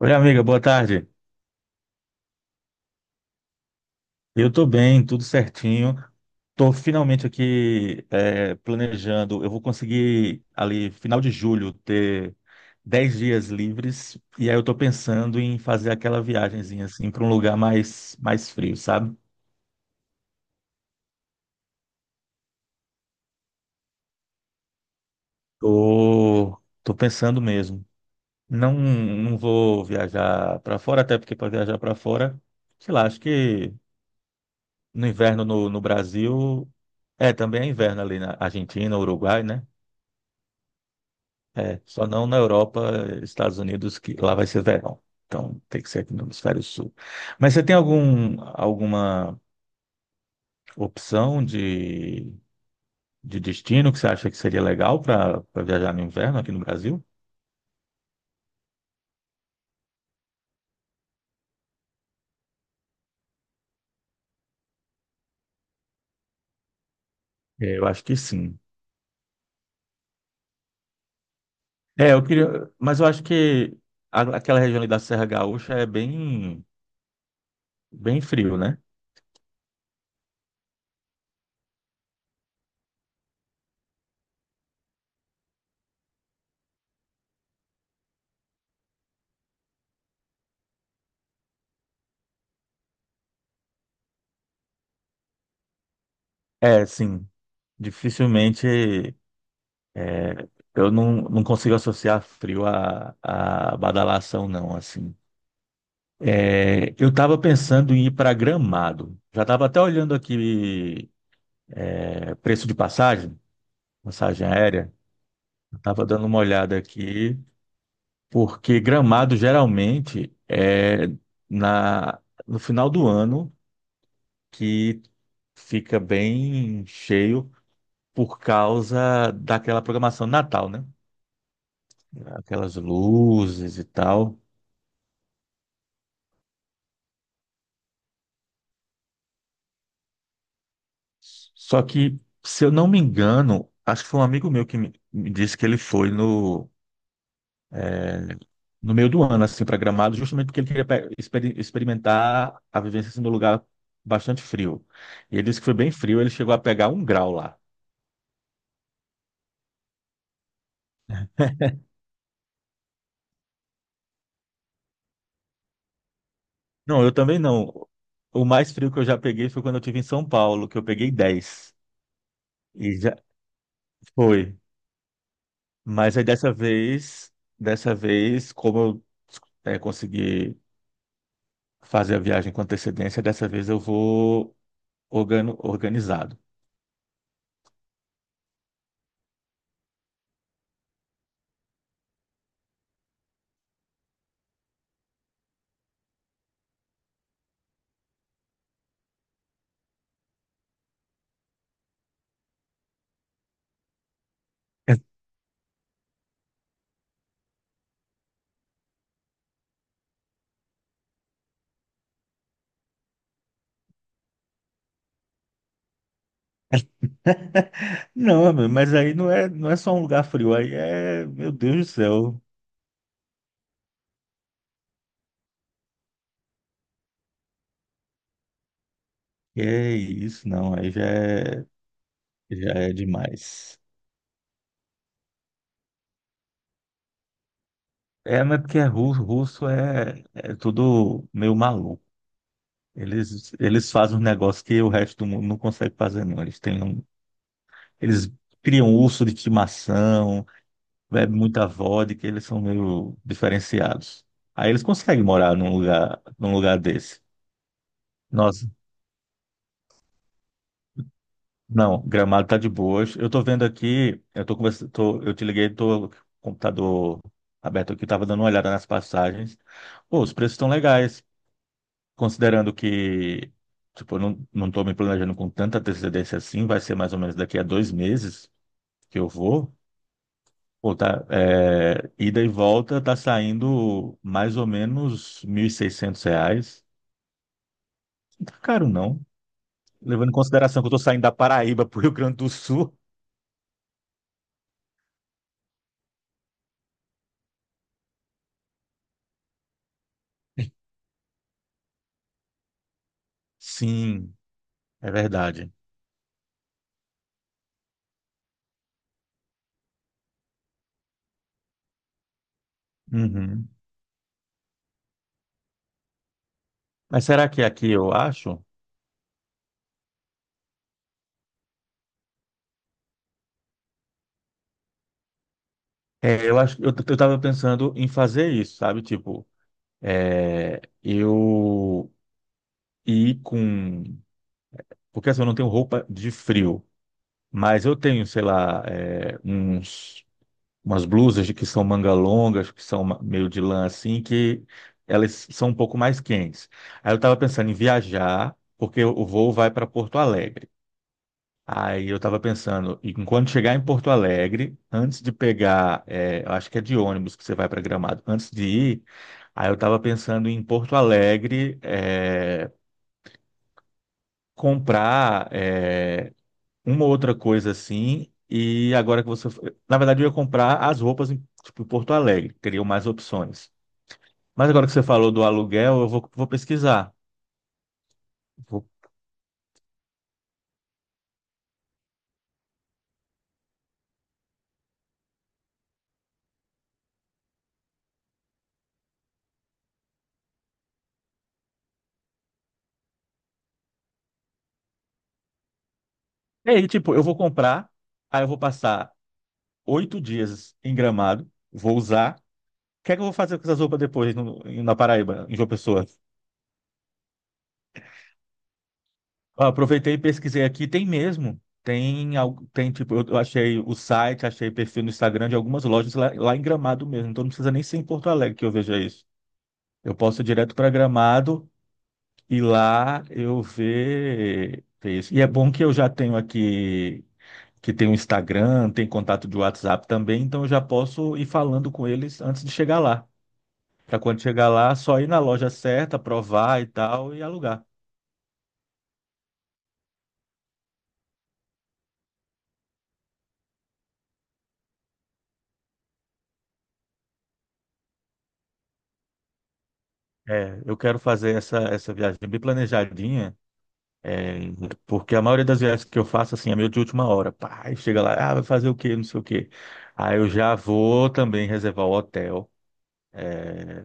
Oi, amiga, boa tarde. Eu tô bem, tudo certinho. Tô finalmente aqui planejando. Eu vou conseguir ali, final de julho, ter 10 dias livres. E aí eu tô pensando em fazer aquela viagenzinha assim para um lugar mais frio, sabe? Tô, tô pensando mesmo. Não, não vou viajar para fora, até porque para viajar para fora, sei lá, acho que no inverno no Brasil, também é inverno ali na Argentina, Uruguai, né? É, só não na Europa, Estados Unidos, que lá vai ser verão. Então tem que ser aqui no hemisfério sul. Mas você tem alguma opção de destino que você acha que seria legal para viajar no inverno aqui no Brasil? É, eu acho que sim. É, eu queria, mas eu acho que aquela região ali da Serra Gaúcha é bem, bem frio, né? É, sim. Dificilmente é, eu não consigo associar frio a badalação, não, assim. É, eu estava pensando em ir para Gramado. Já estava até olhando aqui, preço de passagem aérea. Estava dando uma olhada aqui, porque Gramado geralmente é na, no final do ano que fica bem cheio por causa daquela programação de Natal, né? Aquelas luzes e tal. Só que, se eu não me engano, acho que foi um amigo meu que me disse que ele foi no meio do ano, assim, para Gramado, justamente porque ele queria experimentar a vivência assim, num lugar bastante frio. E ele disse que foi bem frio, ele chegou a pegar um grau lá. Não, eu também não. O mais frio que eu já peguei foi quando eu estive em São Paulo, que eu peguei 10. E já foi. Mas aí dessa vez, como eu consegui fazer a viagem com antecedência, dessa vez eu vou organizado. Não, meu, mas aí não é só um lugar frio, aí é, meu Deus do céu, que é isso, não, aí já é demais. É, mas porque é russo, russo é tudo meio maluco. Eles fazem um negócio que o resto do mundo não consegue fazer, não. Eles criam um urso de estimação, bebem muita vodka, eles são meio diferenciados. Aí eles conseguem morar num lugar desse. Nossa. Não, Gramado tá de boas. Eu tô vendo aqui, eu tô conversando, eu te liguei, tô com o computador aberto aqui, tava dando uma olhada nas passagens. Pô, os preços estão legais, considerando que, tipo, eu não tô me planejando com tanta antecedência assim, vai ser mais ou menos daqui a 2 meses que eu vou. Pô, tá, ida e volta tá saindo mais ou menos R$ 1.600. Não tá caro, não. Levando em consideração que eu tô saindo da Paraíba pro Rio Grande do Sul. Sim, é verdade. Uhum. Mas será que aqui eu acho? É, eu acho, eu tava pensando em fazer isso, sabe? Tipo, eu ir com, porque assim, eu não tenho roupa de frio, mas eu tenho, sei lá, umas blusas de que são manga longas, que são meio de lã assim, que elas são um pouco mais quentes. Aí eu tava pensando em viajar, porque o voo vai para Porto Alegre. Aí eu estava pensando, e quando chegar em Porto Alegre, antes de pegar, eu acho que é de ônibus que você vai para Gramado, antes de ir, aí eu estava pensando em Porto Alegre, comprar, uma ou outra coisa assim, e agora que você. Na verdade, eu ia comprar as roupas em, tipo, em Porto Alegre, teriam mais opções. Mas agora que você falou do aluguel, eu vou pesquisar. Vou... E aí, tipo, eu vou comprar, aí eu vou passar 8 dias em Gramado, vou usar. Que é que eu vou fazer com essas roupas depois na Paraíba, em João Pessoa? Ah, aproveitei e pesquisei aqui, tem mesmo. Tem tipo, eu achei o site, achei perfil no Instagram de algumas lojas lá em Gramado mesmo. Então não precisa nem ser em Porto Alegre que eu veja isso. Eu posso ir direto para Gramado e lá eu ver isso. E é bom que eu já tenho aqui, que tem o Instagram, tem contato de WhatsApp também, então eu já posso ir falando com eles antes de chegar lá. Para quando chegar lá, só ir na loja certa, provar e tal e alugar. É, eu quero fazer essa viagem bem planejadinha, é, porque a maioria das viagens que eu faço, assim, é meio de última hora. Pá, aí chega lá, ah, vai fazer o quê, não sei o quê. Aí eu já vou também reservar o hotel. É,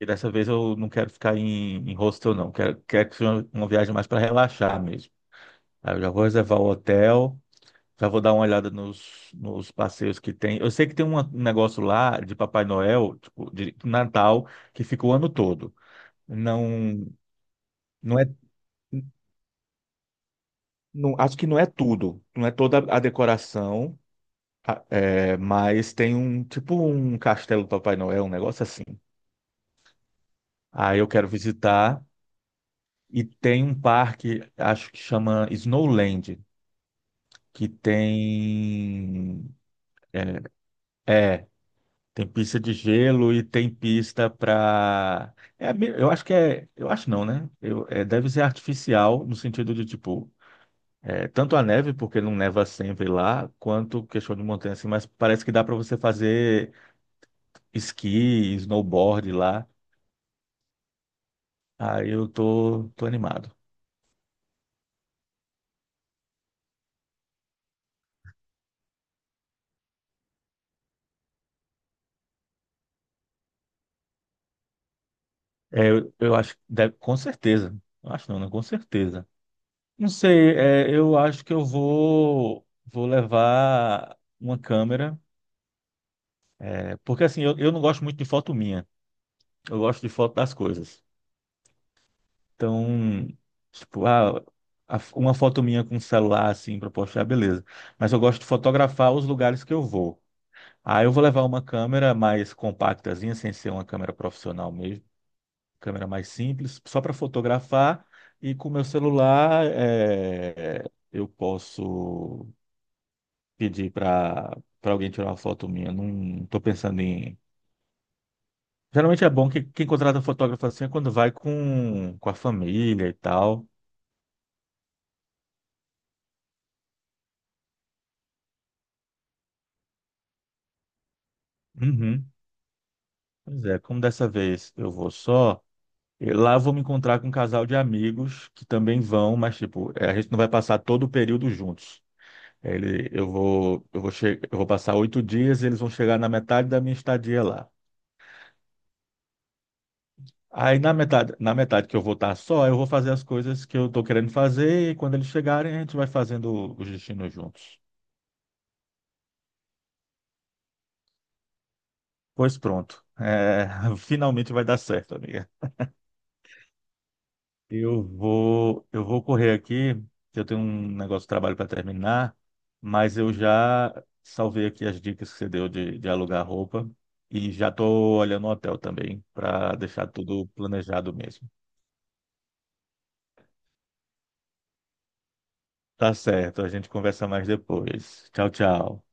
e dessa vez eu não quero ficar em hostel, não. Quero que seja uma viagem mais para relaxar mesmo. Aí eu já vou reservar o hotel, já vou dar uma olhada nos passeios que tem. Eu sei que tem um negócio lá de Papai Noel, tipo, de Natal, que fica o ano todo. Não, não é. Não, acho que não é tudo, não é toda a decoração, mas tem um tipo um castelo do Papai Noel, um negócio assim. Aí eu quero visitar e tem um parque, acho que chama Snowland, que tem é, é, tem pista de gelo e tem pista para eu acho que é, eu acho não, né? Deve ser artificial no sentido de tipo é, tanto a neve, porque não neva sempre lá, quanto questão de montanha, assim, mas parece que dá para você fazer esqui, snowboard lá. Aí eu tô animado. É, eu acho, que deve, com certeza. Eu acho não, né? Com certeza. Não sei, eu acho que eu vou levar uma câmera, porque assim, eu não gosto muito de foto minha, eu gosto de foto das coisas. Então, tipo, ah, uma foto minha com o celular, assim, pra postar, beleza. Mas eu gosto de fotografar os lugares que eu vou. Ah, eu vou levar uma câmera mais compactazinha, sem ser uma câmera profissional mesmo, câmera mais simples, só para fotografar. E com o meu celular, eu posso pedir para alguém tirar uma foto minha. Não estou pensando em. Geralmente é bom que quem contrata fotógrafo assim é quando vai com a família e tal. Uhum. Pois é, como dessa vez eu vou só, lá eu vou me encontrar com um casal de amigos que também vão, mas tipo, a gente não vai passar todo o período juntos. Ele, eu vou, che- eu vou passar 8 dias, eles vão chegar na metade da minha estadia lá. Aí na na metade que eu vou estar só, eu vou fazer as coisas que eu estou querendo fazer e quando eles chegarem a gente vai fazendo os destinos juntos. Pois pronto, finalmente vai dar certo, amiga. Eu vou correr aqui, que eu tenho um negócio de trabalho para terminar, mas eu já salvei aqui as dicas que você deu de alugar roupa e já estou olhando o hotel também para deixar tudo planejado mesmo. Tá certo, a gente conversa mais depois. Tchau, tchau.